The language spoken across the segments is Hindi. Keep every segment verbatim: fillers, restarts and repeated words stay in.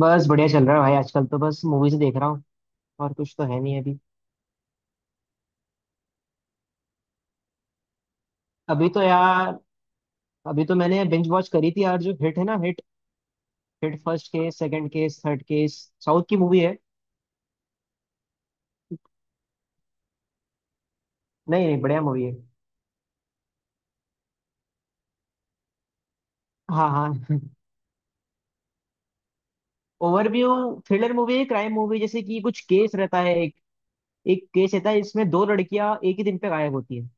बस बढ़िया चल रहा है भाई। आजकल तो बस मूवीज देख रहा हूँ और कुछ तो है नहीं अभी। अभी तो यार अभी तो मैंने बिंज वॉच करी थी यार। जो हिट है ना, HIT HIT first case, second case, third case. South की मूवी है। नहीं नहीं, बढ़िया मूवी है। हाँ हाँ। ओवरव्यू थ्रिलर मूवी है, क्राइम मूवी। जैसे कि कुछ केस रहता है। एक एक केस रहता है इसमें। दो लड़कियां एक ही दिन पे गायब होती है,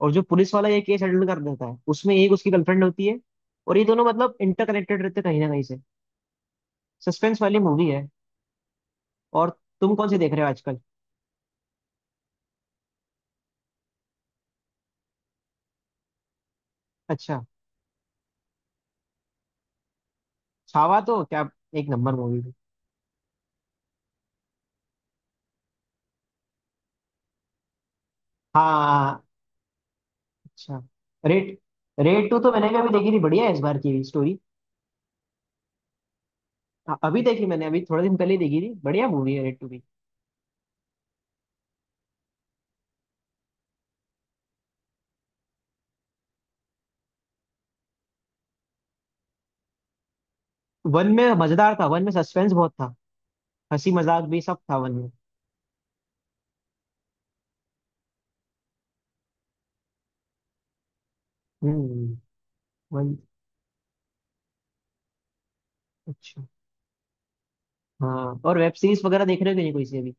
और जो पुलिस वाला ये केस हैंडल कर देता है उसमें एक उसकी गर्लफ्रेंड होती है। और ये दोनों मतलब इंटरकनेक्टेड रहते हैं कहीं ना कहीं से। सस्पेंस वाली मूवी है। और तुम कौन सी देख रहे हो आजकल? अच्छा। छावा तो क्या एक नंबर मूवी थी। हाँ। अच्छा। रेड, रेड टू तो मैंने भी अभी देखी थी। बढ़िया है इस बार की भी स्टोरी। हाँ, अभी देखी मैंने, अभी थोड़े दिन पहले ही देखी थी। बढ़िया मूवी है रेड टू भी। वन में मजेदार था, वन में सस्पेंस बहुत था। हंसी मजाक भी सब था वन में। हम्म। वन। अच्छा। हाँ और वेब सीरीज वगैरह देख रहे हो कि नहीं कोई सी अभी?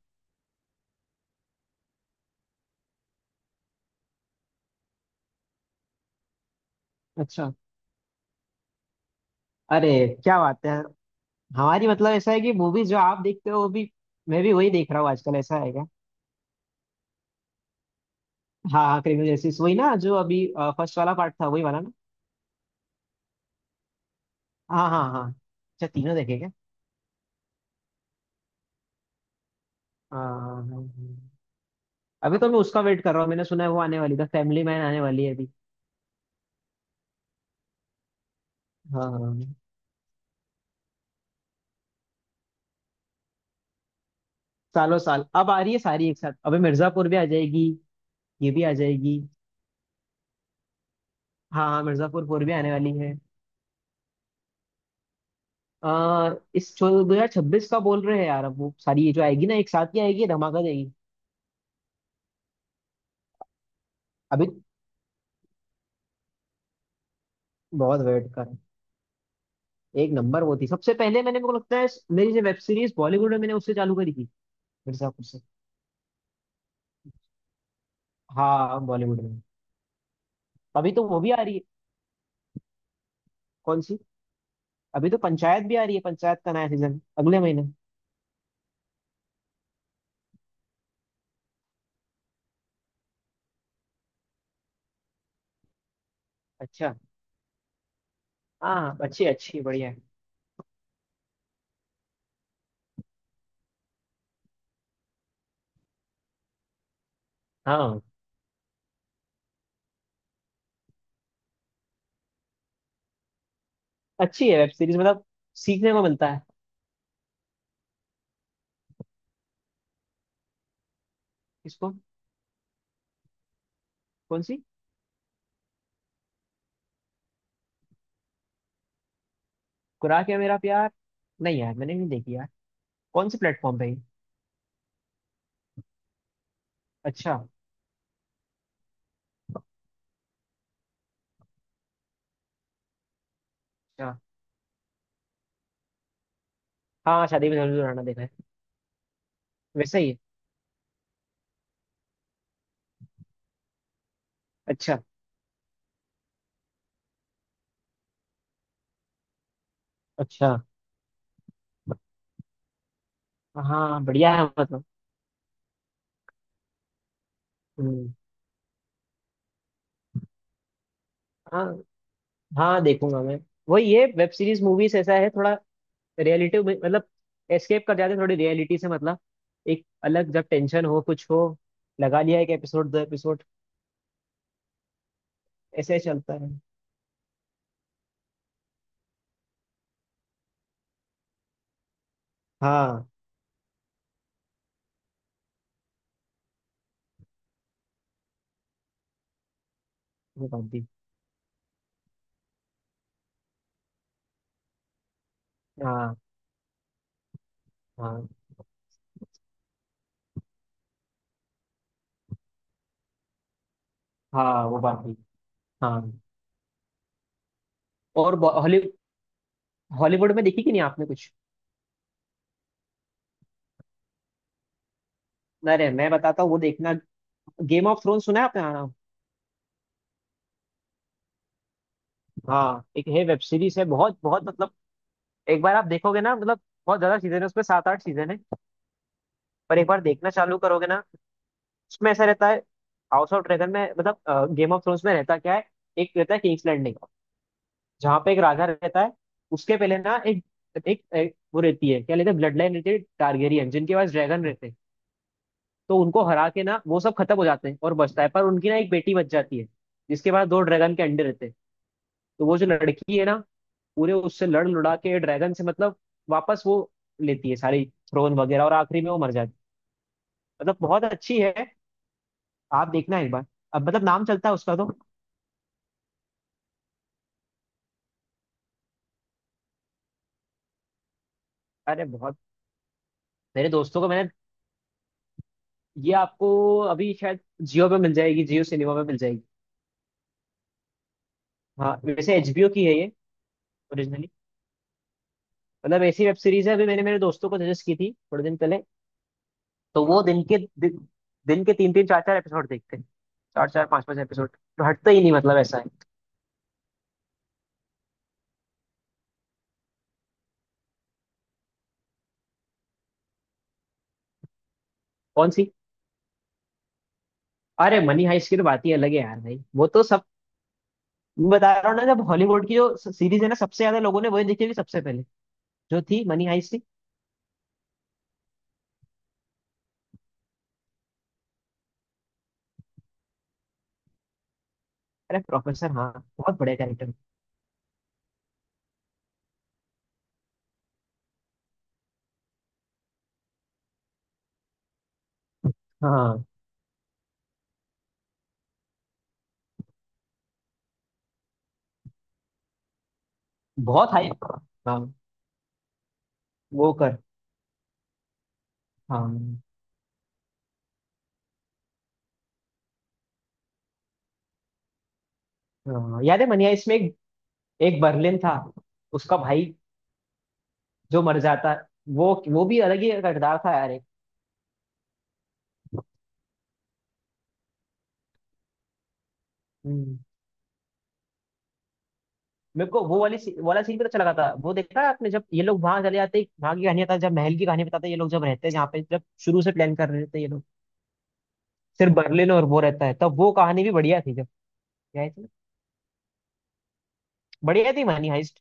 अच्छा। अरे, क्या बात है। हमारी मतलब ऐसा है कि मूवीज जो आप देखते हो वो भी मैं भी वही देख रहा हूँ आजकल। ऐसा है क्या? हाँ हाँ, क्रिमिनल जस्टिस वही ना, जो अभी फर्स्ट वाला पार्ट था वही वाला ना? हाँ हाँ हाँ, अच्छा तीनों देखे क्या? हाँ हाँ, हाँ, हाँ। अभी तो मैं उसका वेट कर रहा हूँ। मैंने सुना है वो आने वाली था, फैमिली मैन आने वाली है अभी। हाँ हाँ, हाँ। सालों साल अब आ रही है सारी एक साथ। अबे मिर्जापुर भी आ जाएगी, ये भी आ जाएगी। हाँ हाँ, मिर्जापुर फोर भी आने वाली है। आ, इस दो हजार छब्बीस का बोल रहे हैं यार। अब वो सारी ये जो आएगी ना एक साथ ही आएगी, धमाका देगी। अभी बहुत वेट कर, एक नंबर वो थी। सबसे पहले मैंने, मेरे को लगता है, मेरी जो वेब सीरीज बॉलीवुड में मैंने उससे चालू करी थी, मिर्जापुर से। हाँ, बॉलीवुड में। अभी तो वो भी आ रही है। कौन सी? अभी तो पंचायत भी आ रही है, पंचायत का नया सीजन अगले महीने। अच्छा। हाँ हाँ, अच्छी है, अच्छी है, बढ़िया है। हाँ, अच्छी है वेब सीरीज मतलब, सीखने को मिलता है। किसको? कौन सी? खुराक है मेरा प्यार? नहीं यार, मैंने नहीं देखी यार। कौन से प्लेटफॉर्म पे है ये? अच्छा अच्छा। हाँ हाँ, शादी में जरूर आना देखा है। वैसे ही है। अच्छा अच्छा। हाँ बढ़िया है मतलब। हम्म। हाँ, हाँ देखूंगा मैं। वही, ये वेब सीरीज मूवीज ऐसा है थोड़ा, रियलिटी मतलब एस्केप कर जाते हैं थोड़ी रियलिटी से मतलब। एक अलग, जब टेंशन हो कुछ हो, लगा लिया एक एपिसोड दो एपिसोड, ऐसे ही चलता है। हाँ वो बात भी। हाँ हाँ हाँ, वो बात भी। हाँ। और हॉली हॉलीवुड में देखी कि नहीं आपने कुछ? अरे मैं बताता हूँ, वो देखना। गेम ऑफ थ्रोन सुना है आपने? हाँ हाँ, एक है, वेब सीरीज है। बहुत बहुत मतलब, एक बार आप देखोगे ना मतलब। बहुत ज्यादा सीजन है उसमें, सात आठ सीजन है। पर एक बार देखना चालू करोगे ना। उसमें ऐसा रहता है, हाउस ऑफ ड्रैगन में मतलब, गेम ऑफ थ्रोन्स में रहता क्या है, एक रहता है किंग्स लैंडिंग, जहाँ पे एक राजा रहता है। उसके पहले ना एक, एक, एक वो रहती है, क्या लेते हैं, ब्लड लाइन रहती है टारगेरियन, जिनके पास ड्रैगन रहते हैं। तो उनको हरा के ना वो सब खत्म हो जाते हैं और बचता है, पर उनकी ना एक बेटी बच जाती है, जिसके पास दो ड्रैगन के अंडे रहते हैं। तो वो जो लड़की है ना, पूरे उससे लड़ लुड़ा के ड्रैगन से मतलब, वापस वो लेती है सारी थ्रोन वगैरह, और आखिरी में वो मर जाती है। मतलब बहुत अच्छी है, आप देखना एक बार। अब मतलब नाम चलता है उसका तो। अरे बहुत, मेरे दोस्तों को मैंने, ये आपको अभी शायद जियो पे मिल जाएगी, जियो सिनेमा पे मिल जाएगी। हाँ वैसे एच बी ओ की है ये, ओरिजिनली। मतलब ऐसी वेब सीरीज है। अभी मैंने मेरे दोस्तों को सजेस्ट की थी थोड़े दिन पहले, तो वो दिन के दिन, दिन के तीन तीन चार चार एपिसोड देखते हैं, चार चार पांच पांच एपिसोड। तो हटता ही नहीं, मतलब ऐसा है। कौन सी? अरे मनी हाइस्ट की तो बात ही अलग है यार भाई। वो तो सब, मैं बता रहा हूँ ना, जब हॉलीवुड की जो सीरीज है ना, सबसे ज्यादा लोगों ने वही देखी होगी सबसे पहले, जो थी मनी हाइस्ट थी। अरे प्रोफेसर, हाँ, बहुत बढ़िया कैरेक्टर। हाँ बहुत हाई। हाँ वो कर। हाँ हाँ, याद है मनिया, इसमें एक, एक बर्लिन था, उसका भाई जो मर जाता, वो वो भी अलग ही किरदार था यार एक। हम्म। मेरे को वो वाली सी- वाला सीन भी तो अच्छा लगा था। वो देखा है आपने, जब ये लोग वहां चले जाते, वहां की कहानी बताते, जब महल की कहानी बताते हैं, ये लोग जब रहते हैं जहाँ पे, जब शुरू से प्लान कर रहे थे ये लोग, सिर्फ बर्लिन और वो रहता है, तब वो कहानी भी बढ़िया थी जब। क्या है इसमें? बढ़िया थी मानी हाइस्ट।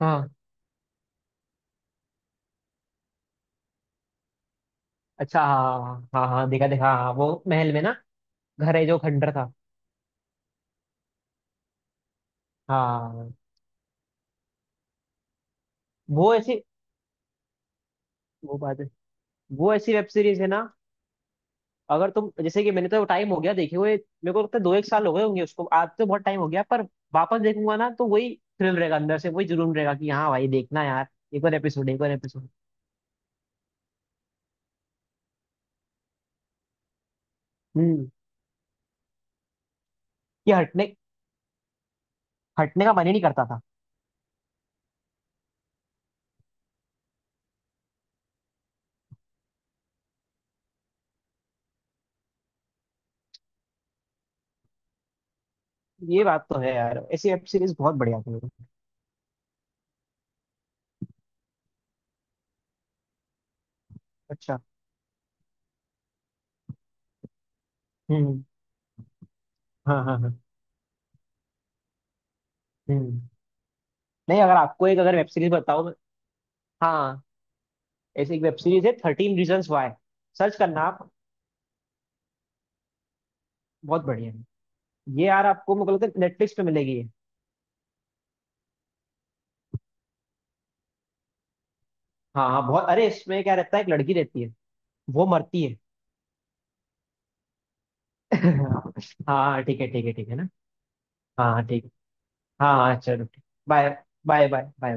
हाँ। अच्छा हाँ हाँ। हाँ हाँ, देखा देखा, हाँ वो महल में ना, घर है जो खंडर था। हाँ। वो ऐसी, वो बात है, वो ऐसी वेब सीरीज है ना, अगर तुम, जैसे कि मैंने तो टाइम हो गया देखे हुए, मेरे को लगता है दो एक साल हो गए होंगे उसको, आज तो बहुत टाइम हो गया, पर वापस देखूंगा ना तो वही थ्रिल रहेगा अंदर से, वही जुनून रहेगा कि हाँ भाई देखना यार, एक और एपिसोड, एक और एपिसोड। हम्म। ये हटने हटने का मन ही नहीं करता था। ये बात तो है यार, ऐसी वेब सीरीज बहुत बढ़िया थी। अच्छा। हम्म। हाँ हाँ हाँ। हम्म। नहीं, अगर आपको एक, अगर वेब सीरीज बताओ मैं-, हाँ, ऐसी एक वेब सीरीज है, थर्टीन रीजन्स वाई। सर्च करना आप, बहुत बढ़िया है ये। यार आपको, मुझे लगता है नेटफ्लिक्स पे मिलेगी ये। हाँ हाँ बहुत, अरे इसमें क्या रहता है, एक लड़की रहती है, वो मरती है। हाँ हाँ ठीक है, ठीक है, ठीक है ना। हाँ हाँ ठीक है। हाँ हाँ चलो। Bye bye. Bye bye.